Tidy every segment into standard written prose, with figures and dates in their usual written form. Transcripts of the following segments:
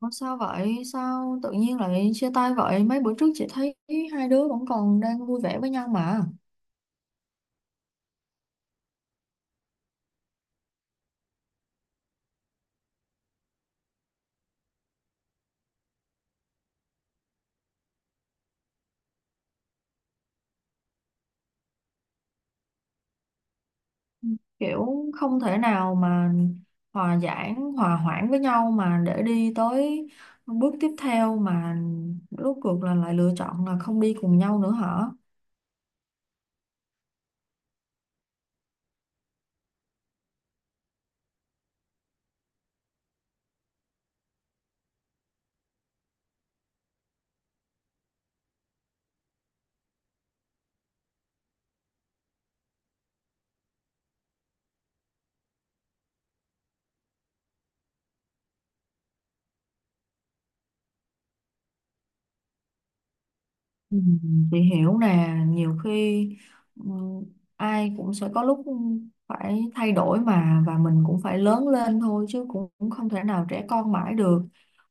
Ủa sao vậy? Sao tự nhiên lại chia tay vậy? Mấy bữa trước chị thấy hai đứa vẫn còn đang vui vẻ với nhau mà. Kiểu không thể nào mà hòa giải, hòa hoãn với nhau mà để đi tới bước tiếp theo mà rốt cuộc là lại lựa chọn là không đi cùng nhau nữa hả? Ừ, chị hiểu nè, nhiều khi ừ, ai cũng sẽ có lúc phải thay đổi mà, và mình cũng phải lớn lên thôi, chứ cũng cũng không thể nào trẻ con mãi được.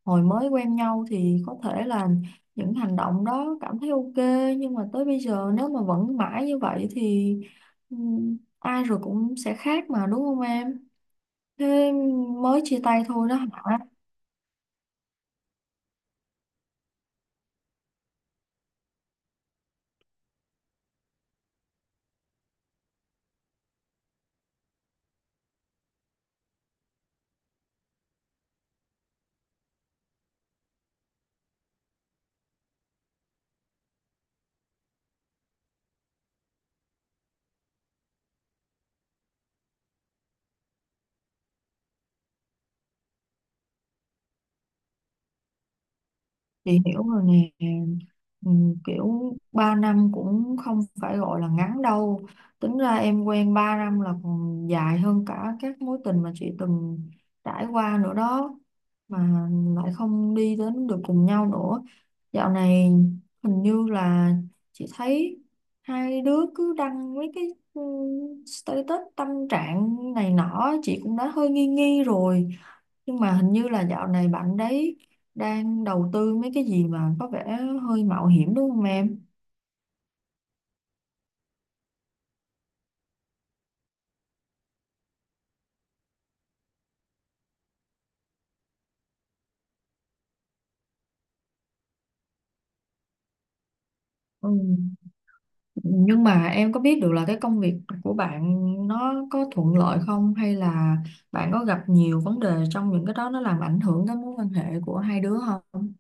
Hồi mới quen nhau thì có thể là những hành động đó cảm thấy ok, nhưng mà tới bây giờ nếu mà vẫn mãi như vậy thì ừ, ai rồi cũng sẽ khác mà, đúng không em? Thế mới chia tay thôi đó hả? Chị hiểu rồi nè, ừ, kiểu 3 năm cũng không phải gọi là ngắn đâu, tính ra em quen 3 năm là còn dài hơn cả các mối tình mà chị từng trải qua nữa đó, mà lại không đi đến được cùng nhau nữa. Dạo này hình như là chị thấy hai đứa cứ đăng mấy cái ừ, status tâm trạng này nọ, chị cũng đã hơi nghi nghi rồi, nhưng mà hình như là dạo này bạn đấy đang đầu tư mấy cái gì mà có vẻ hơi mạo hiểm, đúng không em? Ừ. Nhưng mà em có biết được là cái công việc của bạn nó có thuận lợi không, hay là bạn có gặp nhiều vấn đề trong những cái đó nó làm ảnh hưởng tới mối quan hệ của hai đứa không?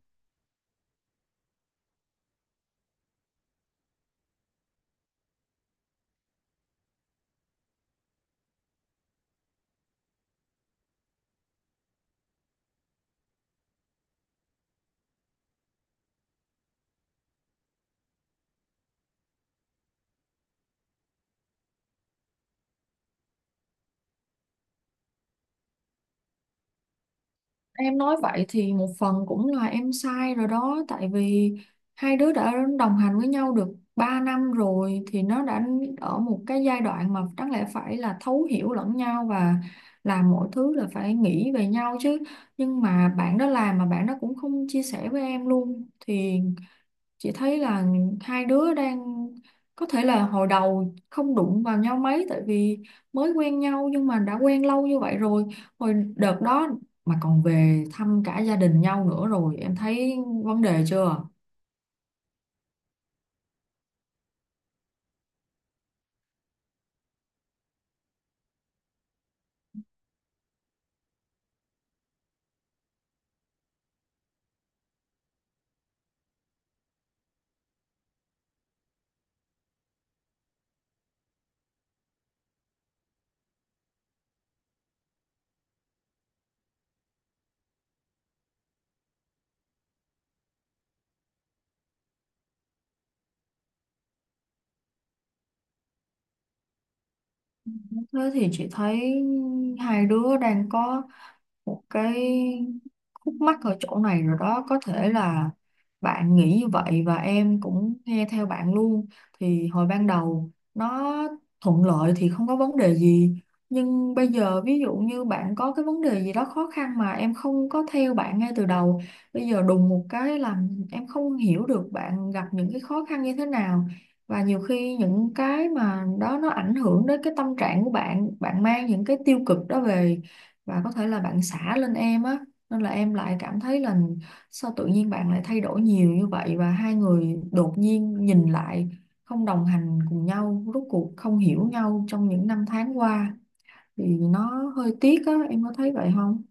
Em nói vậy thì một phần cũng là em sai rồi đó, tại vì hai đứa đã đồng hành với nhau được 3 năm rồi thì nó đã ở một cái giai đoạn mà đáng lẽ phải là thấu hiểu lẫn nhau và làm mọi thứ là phải nghĩ về nhau chứ, nhưng mà bạn đó làm mà bạn đó cũng không chia sẻ với em luôn, thì chị thấy là hai đứa đang, có thể là hồi đầu không đụng vào nhau mấy tại vì mới quen nhau, nhưng mà đã quen lâu như vậy rồi, hồi đợt đó mà còn về thăm cả gia đình nhau nữa, rồi em thấy vấn đề chưa? Thế thì chị thấy hai đứa đang có một cái khúc mắc ở chỗ này rồi đó, có thể là bạn nghĩ như vậy và em cũng nghe theo bạn luôn, thì hồi ban đầu nó thuận lợi thì không có vấn đề gì, nhưng bây giờ ví dụ như bạn có cái vấn đề gì đó khó khăn mà em không có theo bạn ngay từ đầu, bây giờ đùng một cái làm em không hiểu được bạn gặp những cái khó khăn như thế nào, và nhiều khi những cái mà đó nó ảnh hưởng đến cái tâm trạng của bạn, bạn mang những cái tiêu cực đó về và có thể là bạn xả lên em á, nên là em lại cảm thấy là sao tự nhiên bạn lại thay đổi nhiều như vậy, và hai người đột nhiên nhìn lại không đồng hành cùng nhau, rốt cuộc không hiểu nhau trong những năm tháng qua, thì nó hơi tiếc á, em có thấy vậy không?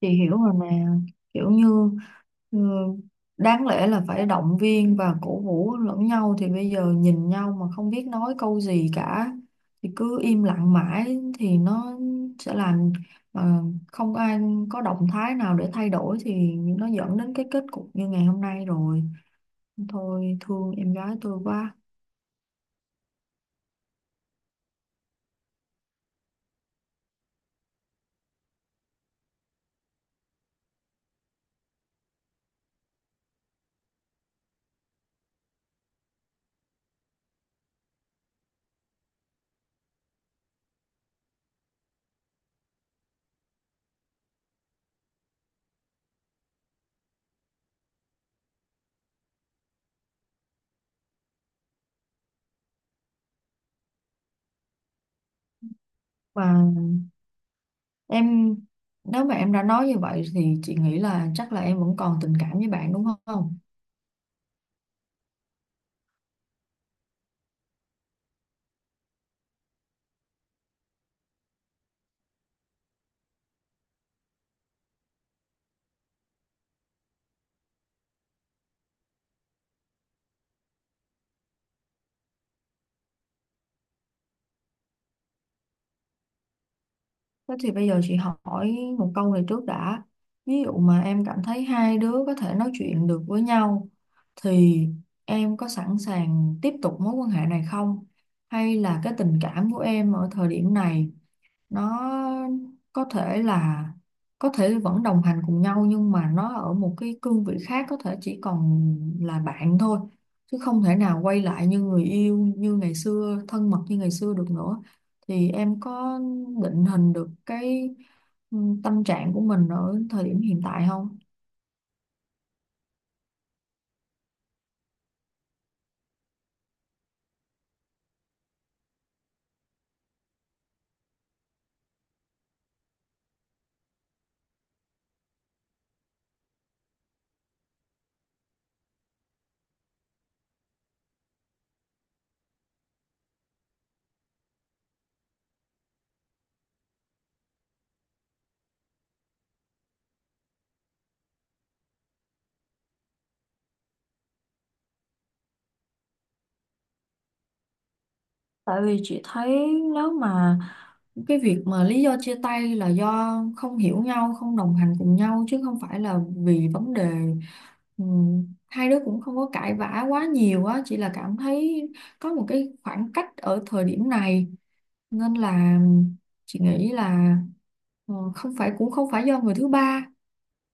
Chị hiểu rồi nè, kiểu như ừ, đáng lẽ là phải động viên và cổ vũ lẫn nhau, thì bây giờ nhìn nhau mà không biết nói câu gì cả, thì cứ im lặng mãi thì nó sẽ làm mà không ai có động thái nào để thay đổi, thì nó dẫn đến cái kết cục như ngày hôm nay rồi, thôi thương em gái tôi quá. Và em, nếu mà em đã nói như vậy thì chị nghĩ là chắc là em vẫn còn tình cảm với bạn đúng không? Thế thì bây giờ chị hỏi một câu này trước đã. Ví dụ mà em cảm thấy hai đứa có thể nói chuyện được với nhau thì em có sẵn sàng tiếp tục mối quan hệ này không? Hay là cái tình cảm của em ở thời điểm này, nó có thể là có thể vẫn đồng hành cùng nhau nhưng mà nó ở một cái cương vị khác, có thể chỉ còn là bạn thôi chứ không thể nào quay lại như người yêu như ngày xưa, thân mật như ngày xưa được nữa, thì em có định hình được cái ừ, tâm trạng của mình ở thời điểm hiện tại không? Tại vì chị thấy nếu mà cái việc mà lý do chia tay là do không hiểu nhau, không đồng hành cùng nhau chứ không phải là vì vấn đề, ừ, hai đứa cũng không có cãi vã quá nhiều á, chỉ là cảm thấy có một cái khoảng cách ở thời điểm này, nên là chị nghĩ là, không phải, cũng không phải do người thứ ba,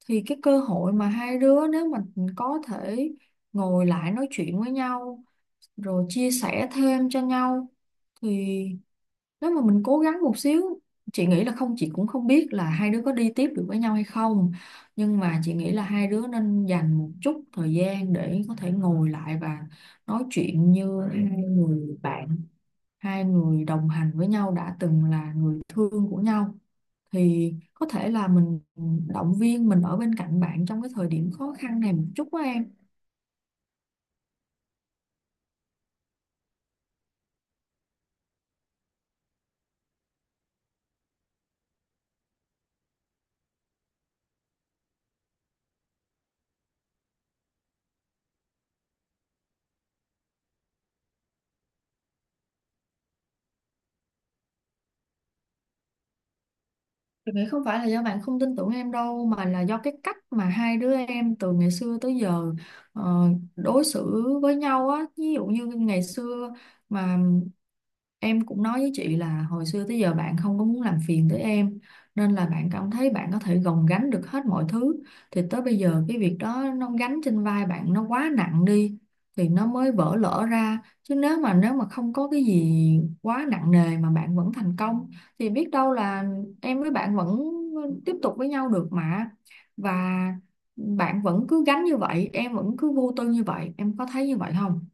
thì cái cơ hội mà hai đứa nếu mà có thể ngồi lại nói chuyện với nhau rồi chia sẻ thêm cho nhau, thì nếu mà mình cố gắng một xíu, chị nghĩ là không, chị cũng không biết là hai đứa có đi tiếp được với nhau hay không, nhưng mà chị nghĩ là hai đứa nên dành một chút thời gian để có thể ngồi lại và nói chuyện như hai người bạn, hai người đồng hành với nhau đã từng là người thương của nhau, thì có thể là mình động viên, mình ở bên cạnh bạn trong cái thời điểm khó khăn này một chút á em. Tôi nghĩ không phải là do bạn không tin tưởng em đâu, mà là do cái cách mà hai đứa em từ ngày xưa tới giờ ờ, đối xử với nhau á, ví dụ như ngày xưa mà em cũng nói với chị là hồi xưa tới giờ bạn không có muốn làm phiền tới em, nên là bạn cảm thấy bạn có thể gồng gánh được hết mọi thứ, thì tới bây giờ cái việc đó nó gánh trên vai bạn nó quá nặng đi, thì nó mới vỡ lở ra, chứ nếu mà không có cái gì quá nặng nề mà bạn vẫn thành công, thì biết đâu là em với bạn vẫn tiếp tục với nhau được mà, và bạn vẫn cứ gánh như vậy em vẫn cứ vô tư như vậy, em có thấy như vậy không?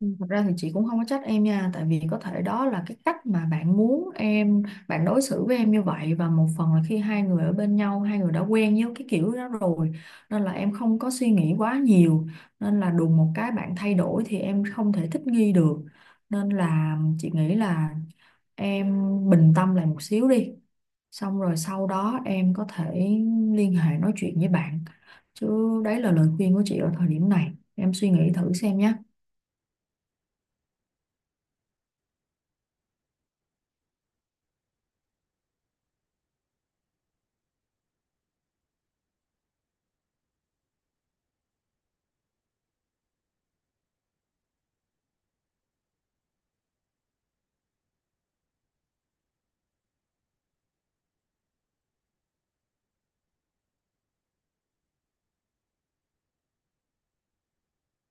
Ừ, thật ra thì chị cũng không có trách em nha, tại vì có thể đó là cái cách mà bạn muốn em, bạn đối xử với em như vậy, và một phần là khi hai người ở bên nhau hai người đã quen với cái kiểu đó rồi, nên là em không có suy nghĩ quá nhiều, nên là đùng một cái bạn thay đổi thì em không thể thích nghi được, nên là chị nghĩ là em bình tâm lại một xíu đi, xong rồi sau đó em có thể liên hệ nói chuyện với bạn, chứ đấy là lời khuyên của chị ở thời điểm này, em suy nghĩ thử xem nhé.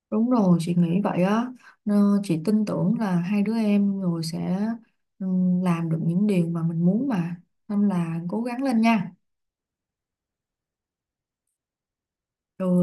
Đúng rồi, chị nghĩ vậy á. Chị tin tưởng là hai đứa em rồi sẽ ừ, làm được những điều mà mình muốn mà. Nên là cố gắng lên nha. Rồi